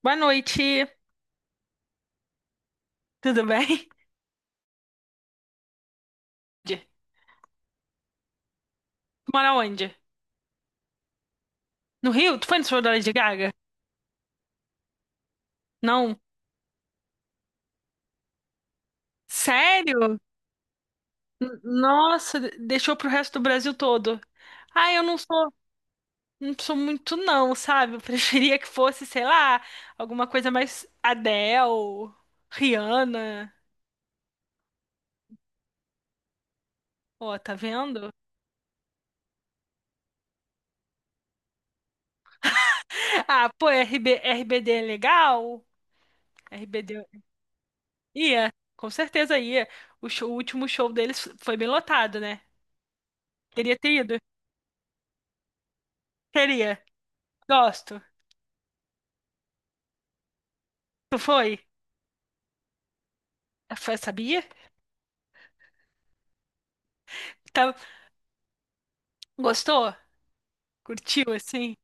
Boa noite, tudo bem? Tu mora onde? No Rio? Tu foi no show da Lady Gaga? Não. Sério? Nossa, deixou pro resto do Brasil todo. Ah, eu não sou, não sou muito não, sabe? Eu preferia que fosse, sei lá, alguma coisa mais Adele, Rihanna. Ó, tá vendo? Ah, pô, RB, RBD é legal? RBD ia, com certeza ia. O o último show deles foi bem lotado, né? Teria ter ido. Teria. Gosto. Tu foi? Ah, foi, sabia? Tá- Gostou? Curtiu, assim?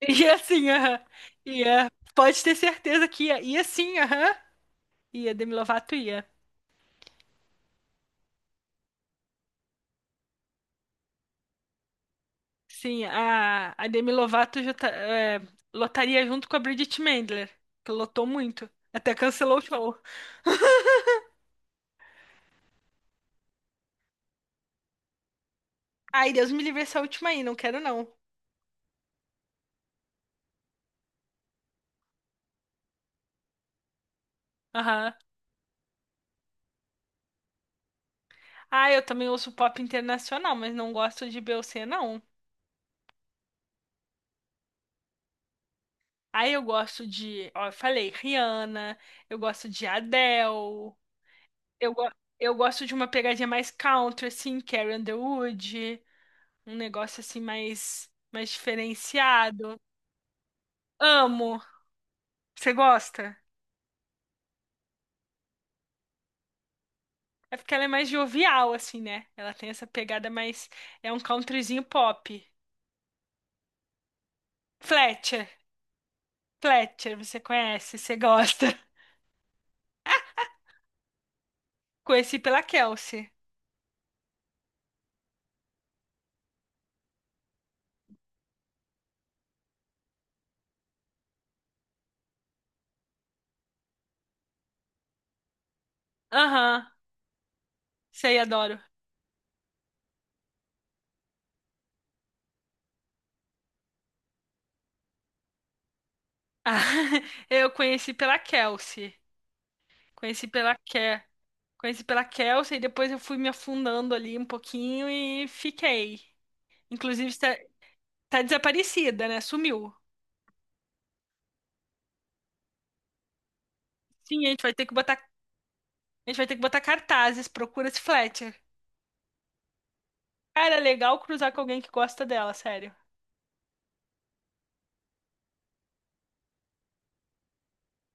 E assim, aham. Ia. Pode ter certeza que ia. Ia sim, aham. Ia, Demi Lovato ia. Sim, a Demi Lovato é, lotaria junto com a Bridget Mendler, que lotou muito. Até cancelou o show. Ai, Deus me livre essa última aí, não quero não. Aham. Ah, eu também ouço pop internacional, mas não gosto de Beyoncé, não. Aí eu gosto de, ó, eu falei, Rihanna, eu gosto de Adele, eu, go- eu gosto de uma pegadinha mais country, assim, Carrie Underwood, um negócio assim mais diferenciado. Amo. Você gosta? É porque ela é mais jovial, assim, né? Ela tem essa pegada mais. É um countryzinho pop. Fletcher, Fletcher, você conhece, você gosta. Conheci pela Kelsey. Aham, sei, adoro. Ah, eu conheci pela Kelsey. Conheci pela Ké. Conheci pela Kelsey e depois eu fui me afundando ali um pouquinho e fiquei. Inclusive, tá desaparecida, né? Sumiu. Sim, a gente vai ter que botar cartazes, procura-se Fletcher. Cara, é legal cruzar com alguém que gosta dela, sério.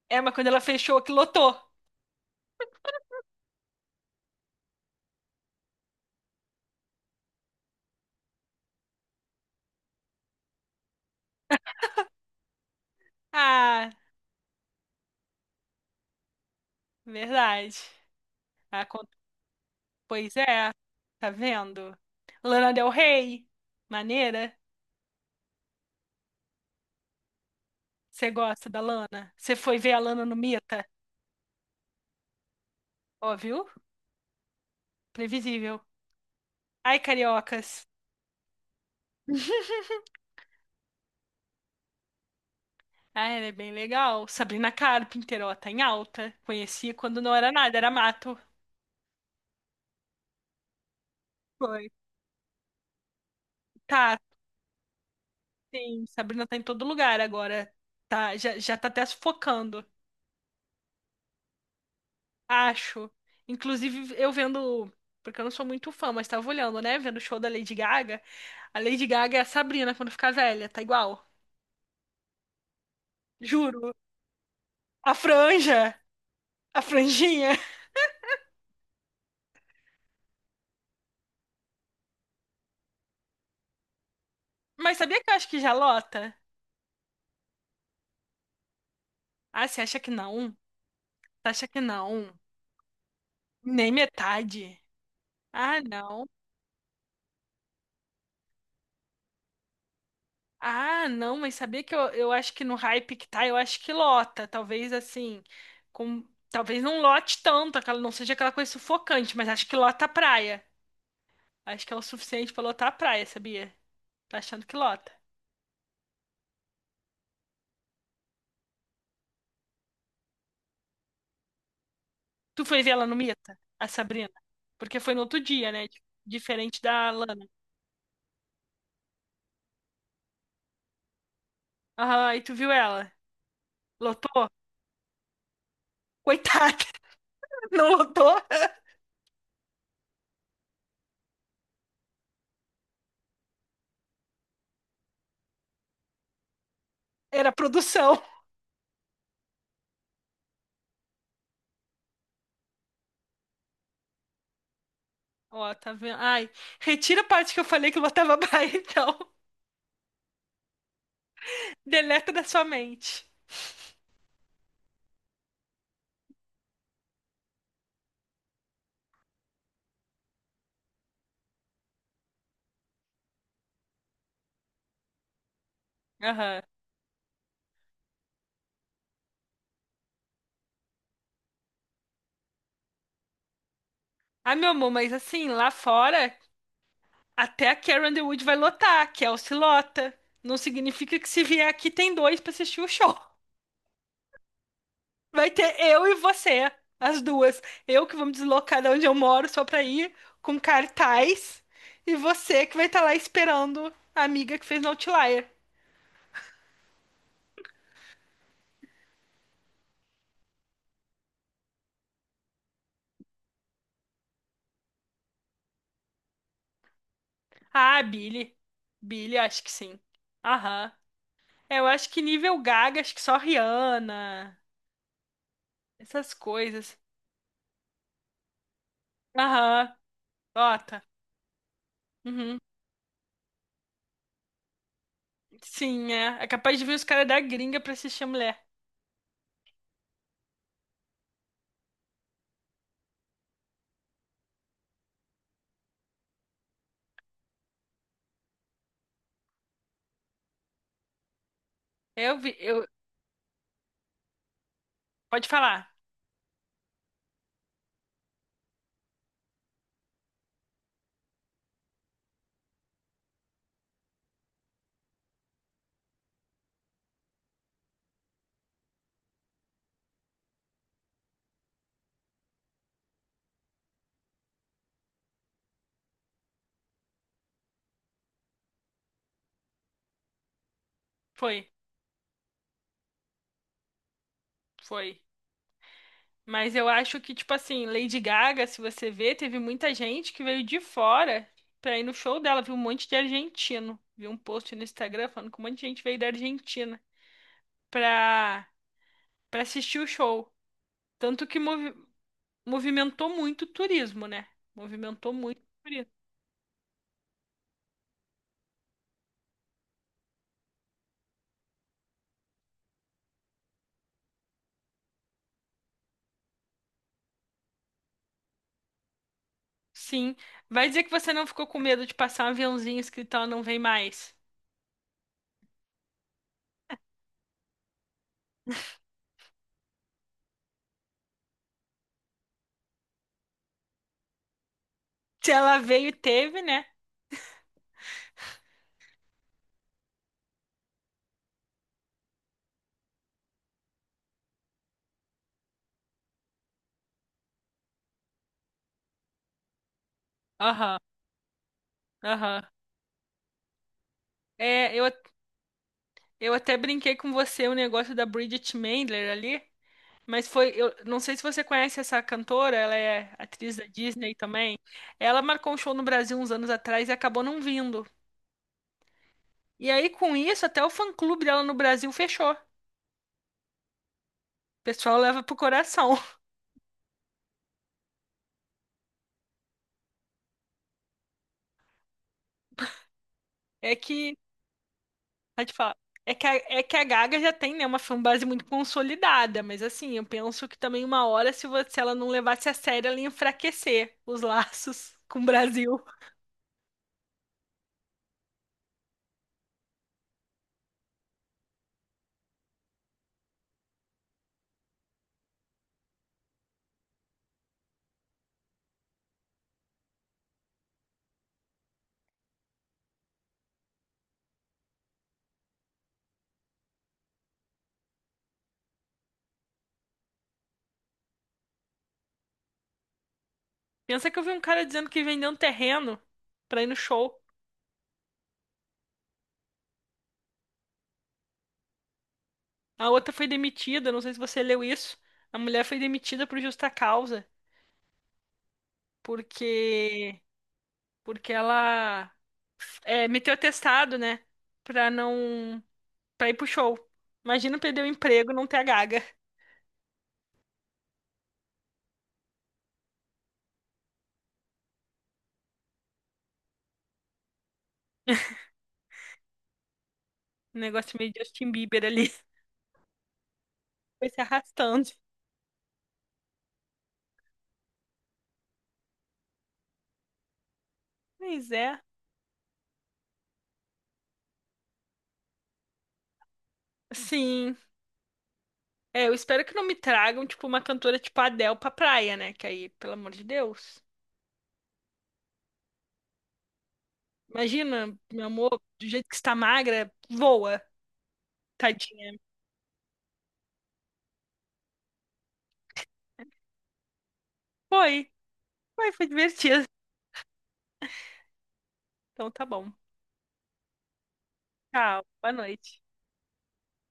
É, mas quando ela fechou, que lotou. Ah, verdade. Acon- Pois é, tá vendo? Lana Del Rey, maneira. Você gosta da Lana? Você foi ver a Lana no Mita? Ó, viu? Previsível. Ai, cariocas. Ah, ela é bem legal. Sabrina Carpenter, ó, tá em alta. Conheci quando não era nada, era mato. Foi. Tá, sim. Sabrina tá em todo lugar agora. Tá, já tá até sufocando, acho. Inclusive, eu vendo, porque eu não sou muito fã, mas tava olhando, né? Vendo o show da Lady Gaga. A Lady Gaga é a Sabrina quando ficar velha, tá igual. Juro. A franja, a franjinha. Mas sabia que eu acho que já lota? Ah, você acha que não? Você acha que não? Nem metade. Ah, não. Ah, não, mas sabia que eu acho que no hype que tá, eu acho que lota. Talvez assim, com, talvez não lote tanto, aquela, não seja aquela coisa sufocante, mas acho que lota a praia. Acho que é o suficiente pra lotar a praia, sabia? Tá achando que lota. Tu foi ver ela no Mita, a Sabrina? Porque foi no outro dia, né? Diferente da Lana. Aham, e tu viu ela? Lotou? Coitada, não lotou? Era produção. Ó, tá vendo? Ai, retira a parte que eu falei que eu botava baia, então. Deleta da sua mente. Aham. Ah meu amor, mas assim, lá fora, até a Carrie Underwood vai lotar, a Kelsey lota. Não significa que se vier aqui tem dois pra assistir o show. Vai ter eu e você, as duas. Eu que vou me deslocar de onde eu moro só pra ir, com cartaz. E você que vai estar lá esperando a amiga que fez no Outlier. Ah, Billy. Billy, acho que sim. Aham. É, eu acho que nível Gaga, acho que só Rihanna, essas coisas. Aham, nota. Uhum. Sim, é. É capaz de vir os caras da gringa pra assistir a mulher. Eu vi, eu... Pode falar. Foi, foi. Mas eu acho que, tipo assim, Lady Gaga, se você ver, teve muita gente que veio de fora pra ir no show dela. Viu um monte de argentino. Vi um post no Instagram falando que um monte de gente veio da Argentina pra, pra assistir o show. Tanto que movimentou muito o turismo, né? Movimentou muito o turismo. Sim. Vai dizer que você não ficou com medo de passar um aviãozinho escrito ela não vem mais. Se ela veio, teve, né? Aham, aham. É, eu até brinquei com você o negócio da Bridget Mendler ali, mas foi, eu não sei se você conhece essa cantora, ela é atriz da Disney também. Ela marcou um show no Brasil uns anos atrás e acabou não vindo. E aí, com isso, até o fã-clube dela no Brasil fechou. O pessoal leva pro coração. É que Aí, tipo, ó, é que a Gaga já tem, né, uma fanbase muito consolidada, mas assim, eu penso que também uma hora, se ela não levasse a sério, ela ia enfraquecer os laços com o Brasil. Pensa que eu vi um cara dizendo que vendeu um terreno pra ir no show. A outra foi demitida, não sei se você leu isso. A mulher foi demitida por justa causa, porque ela é, meteu atestado, né, pra não para ir pro show. Imagina perder o emprego e não ter a Gaga. Um negócio meio Justin Bieber ali. Foi se arrastando. Pois é. Sim. É, eu espero que não me tragam, tipo, uma cantora tipo a Adele pra praia, né? Que aí, pelo amor de Deus. Imagina, meu amor, do jeito que está magra, voa, tadinha. Foi. Foi, foi divertido. Então tá bom. Tchau. Boa noite.